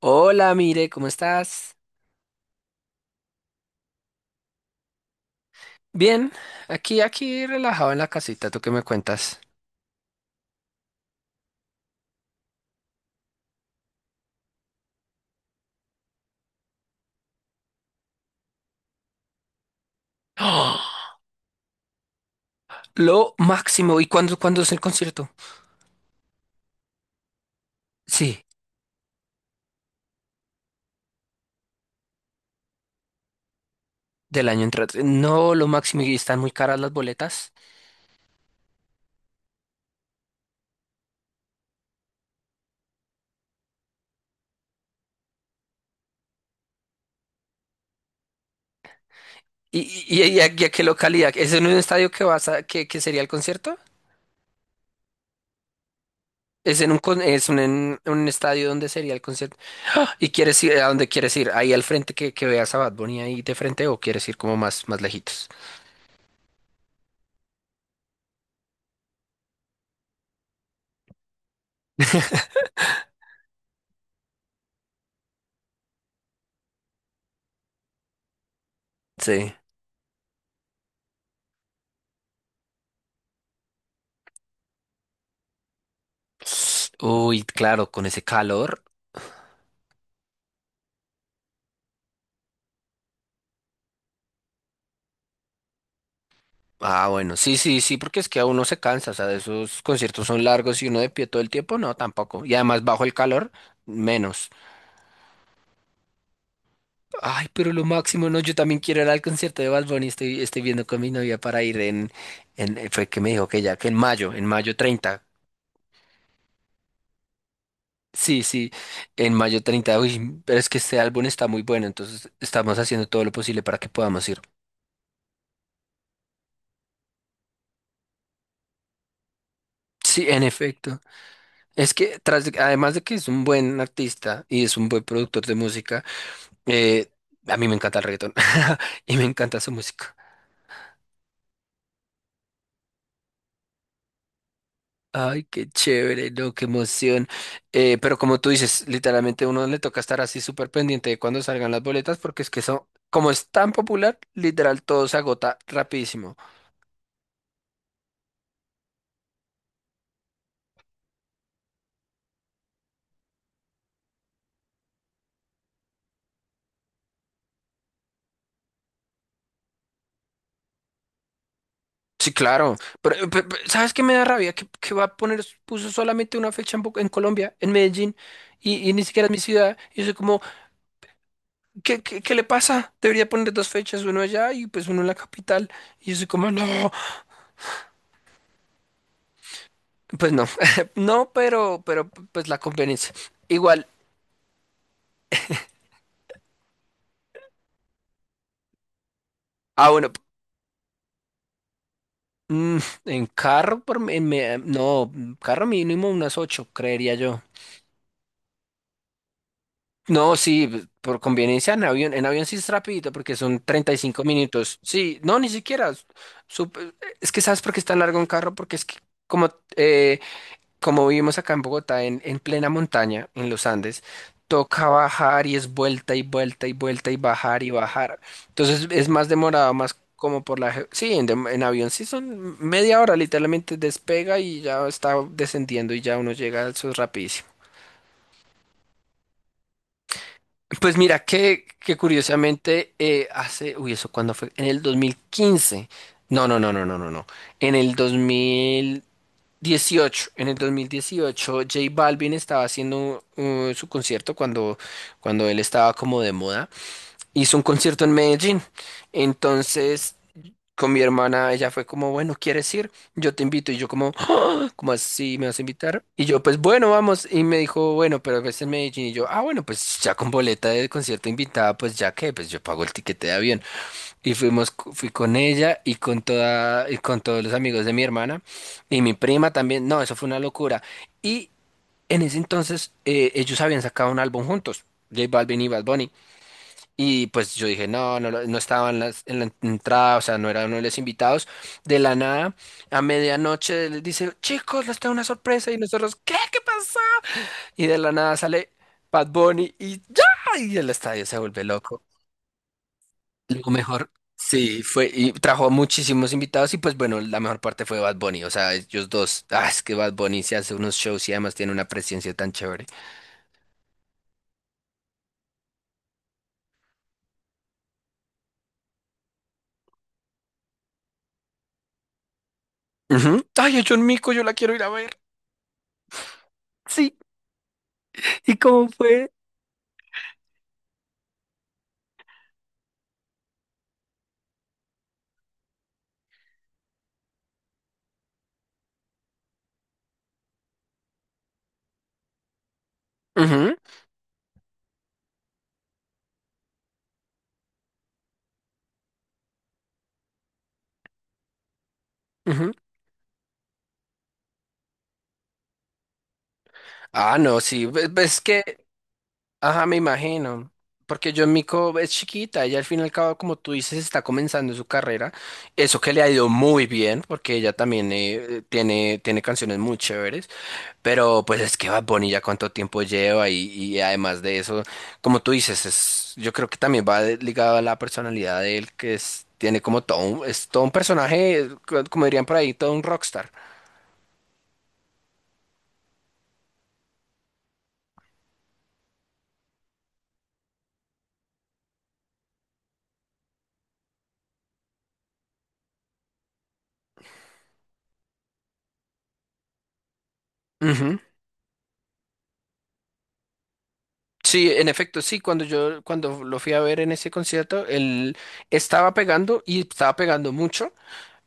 Hola, mire, ¿cómo estás? Bien, aquí, relajado en la casita, ¿tú qué me cuentas? ¡Ah! Lo máximo, ¿y cuándo es el concierto? Sí, del año entrante. No, lo máximo, y están muy caras las boletas. ¿Y, y a qué localidad? ¿Es en un estadio que vas a, que sería el concierto? ¿Es en un estadio donde sería el concierto? ¿Y quieres ir a dónde quieres ir? ¿Ahí al frente que veas a Bad Bunny ahí de frente o quieres ir como más lejitos? Sí. Uy, claro, con ese calor. Ah, bueno, sí, sí, sí, porque es que a uno se cansa, o sea, esos conciertos son largos y uno de pie todo el tiempo, no, tampoco. Y además bajo el calor, menos. Ay, pero lo máximo, no, yo también quiero ir al concierto de Bad Bunny, estoy viendo con mi novia para ir fue que me dijo que ya, que en mayo treinta. Sí, sí, en mayo 30. Uy, pero es que este álbum está muy bueno, entonces estamos haciendo todo lo posible para que podamos ir. Sí, en efecto. Es que además de que es un buen artista y es un buen productor de música. Eh, a mí me encanta el reggaetón y me encanta su música. Ay, qué chévere, no, qué emoción. Pero como tú dices, literalmente a uno le toca estar así súper pendiente de cuando salgan las boletas porque es que eso, como es tan popular, literal todo se agota rapidísimo. Sí, claro. Pero, ¿sabes qué me da rabia? Que va a poner, puso solamente una fecha en, en Colombia, en Medellín, y ni siquiera en mi ciudad. Y yo soy como, ¿qué le pasa? Debería poner dos fechas, uno allá y pues uno en la capital. Y yo soy como, no. Pues no, no, pero pues la conveniencia. Igual, ah, bueno, mm, en carro, no, carro mínimo unas ocho, creería yo. No, sí, por conveniencia en avión sí es rapidito porque son 35 minutos. Sí, no, ni siquiera. sup- es que sabes por qué es tan largo un carro, porque es que como eh, como vivimos acá en Bogotá, en plena montaña, en los Andes, toca bajar y es vuelta y vuelta y vuelta y bajar y bajar. Entonces es más demorado, más como Sí, en avión sí son media hora, literalmente despega y ya está descendiendo y ya uno llega, eso es rapidísimo. Pues mira que curiosamente uy, ¿eso cuándo fue? En el 2015. No, no, no, no, no, no, no. En el 2000... 18, en el 2018, J Balvin estaba haciendo su concierto cuando, cuando él estaba como de moda. Hizo un concierto en Medellín. Entonces, con mi hermana, ella fue como, bueno, ¿quieres ir? Yo te invito. Y yo como, "Ah, ¿cómo así me vas a invitar?" Y yo, pues bueno, vamos. Y me dijo, bueno, pero es en Medellín. Y yo, ah, bueno, pues ya con boleta de concierto invitada, pues ya que, pues yo pago el tiquete de avión. Y fuimos, fui con ella y con todos los amigos de mi hermana y mi prima también. No, eso fue una locura. Y en ese entonces ellos habían sacado un álbum juntos, J Balvin y Bad Bunny. Y pues yo dije, no, no estaba en la entrada, o sea, no era uno de los invitados. De la nada, a medianoche les dice, chicos, les tengo una sorpresa. Y nosotros, ¿qué? ¿Qué pasó? Y de la nada sale Bad Bunny y ya, y el estadio se vuelve loco. Lo mejor, sí, fue, y trajo muchísimos invitados y pues bueno, la mejor parte fue Bad Bunny, o sea, ellos dos, ah, es que Bad Bunny se hace unos shows y además tiene una presencia tan chévere. Ujú. Ay, a John Mico, yo la quiero ir a ver. Sí, ¿y cómo fue? Ujú, ujú. Ah, no, sí, ves que, ajá, me imagino, porque John Mico es chiquita, ella al fin y al cabo, como tú dices, está comenzando su carrera, eso que le ha ido muy bien, porque ella también tiene, tiene canciones muy chéveres. Pero pues es que Bad Bunny ya cuánto tiempo lleva y además de eso, como tú dices, es, yo creo que también va ligado a la personalidad de él, que es, tiene como todo un, es todo un personaje, como dirían por ahí, todo un rockstar. Ujú. Sí, en efecto, sí, cuando yo cuando lo fui a ver en ese concierto, él estaba pegando y estaba pegando mucho.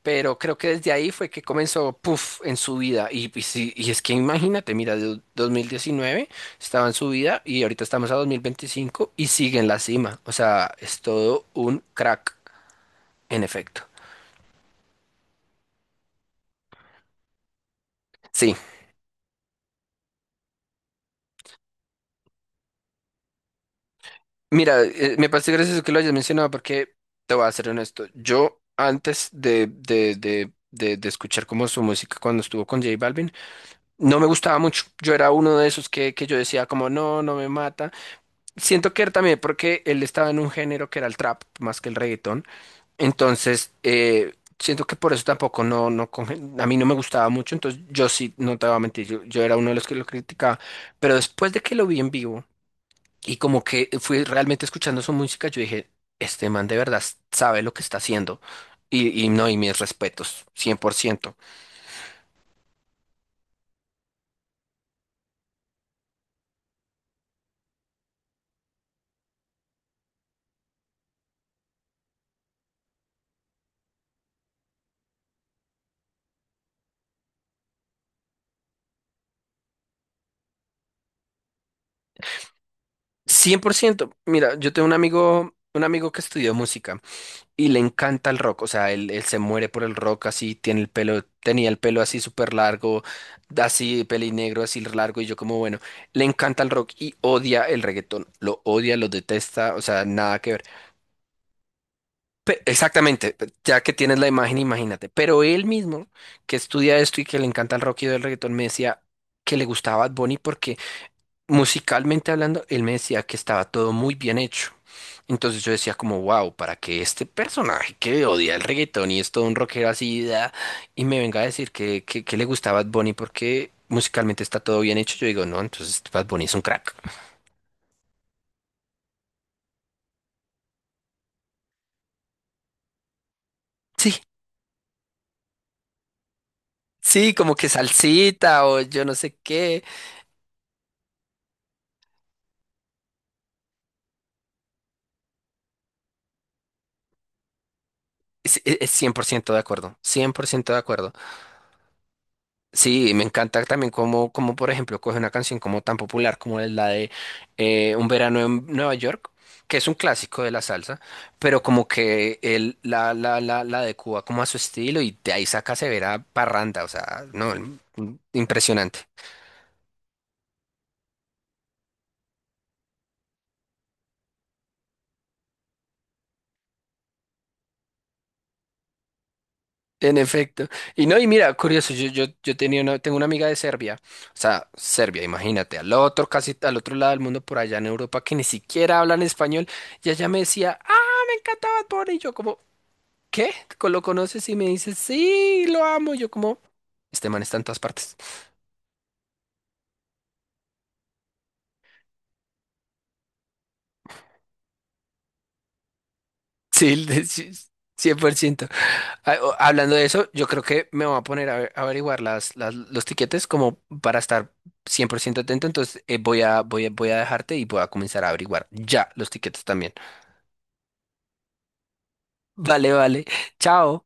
Pero creo que desde ahí fue que comenzó, puff, en su vida. Sí, es que imagínate, mira, de 2019 estaba en su vida y ahorita estamos a 2025 y sigue en la cima. O sea, es todo un crack, en efecto. Sí, mira, me parece gracioso que lo hayas mencionado porque te voy a ser honesto. Yo antes de escuchar como su música cuando estuvo con J Balvin, no me gustaba mucho. Yo era uno de esos que yo decía como, no, no me mata. Siento que era también porque él estaba en un género que era el trap más que el reggaetón. Entonces, siento que por eso tampoco no, a mí no me gustaba mucho. Entonces, yo sí, no te voy a mentir, yo era uno de los que lo criticaba. Pero después de que lo vi en vivo y como que fui realmente escuchando su música, yo dije, este man de verdad sabe lo que está haciendo. Y no, y mis respetos, cien por ciento Mira, yo tengo un amigo que estudió música. Y le encanta el rock, o sea, él se muere por el rock así, tiene el pelo, tenía el pelo así súper largo, así pelinegro, así largo, y yo como, bueno, le encanta el rock y odia el reggaetón, lo odia, lo detesta, o sea, nada que ver. Exactamente, ya que tienes la imagen, imagínate, pero él mismo, que estudia esto y que le encanta el rock y odia el reggaetón, me decía que le gustaba Bad Bunny porque musicalmente hablando, él me decía que estaba todo muy bien hecho. Entonces yo decía como, wow, para que este personaje que odia el reggaetón y es todo un rockero así, da, y me venga a decir que le gustaba Bad Bunny porque musicalmente está todo bien hecho, yo digo, no, entonces Bad Bunny es un crack. Sí, sí, como que salsita o yo no sé qué. Es 100% de acuerdo, 100% de acuerdo. Sí, me encanta también como, por ejemplo, coge una canción como tan popular como es la de Un verano en Nueva York, que es un clásico de la salsa, pero como que él la adecua como a su estilo y de ahí saca severa parranda, o sea, no, mm, impresionante. En efecto. Y no, y mira, curioso, yo tenía una, tengo una amiga de Serbia, o sea, Serbia, imagínate, al otro, casi al otro lado del mundo, por allá en Europa, que ni siquiera hablan español, y ella me decía, ah, me encanta Bad Bunny", y yo como... ¿qué? ¿Lo conoces? Y me dice, sí, lo amo. Yo como, este man está en todas partes. Sí, sí, 100%. Ah, hablando de eso, yo creo que me voy a poner a, a averiguar las, los tiquetes como para estar 100% atento. Entonces, voy a, voy a dejarte y voy a comenzar a averiguar ya los tiquetes también. Vale, vale. Chao.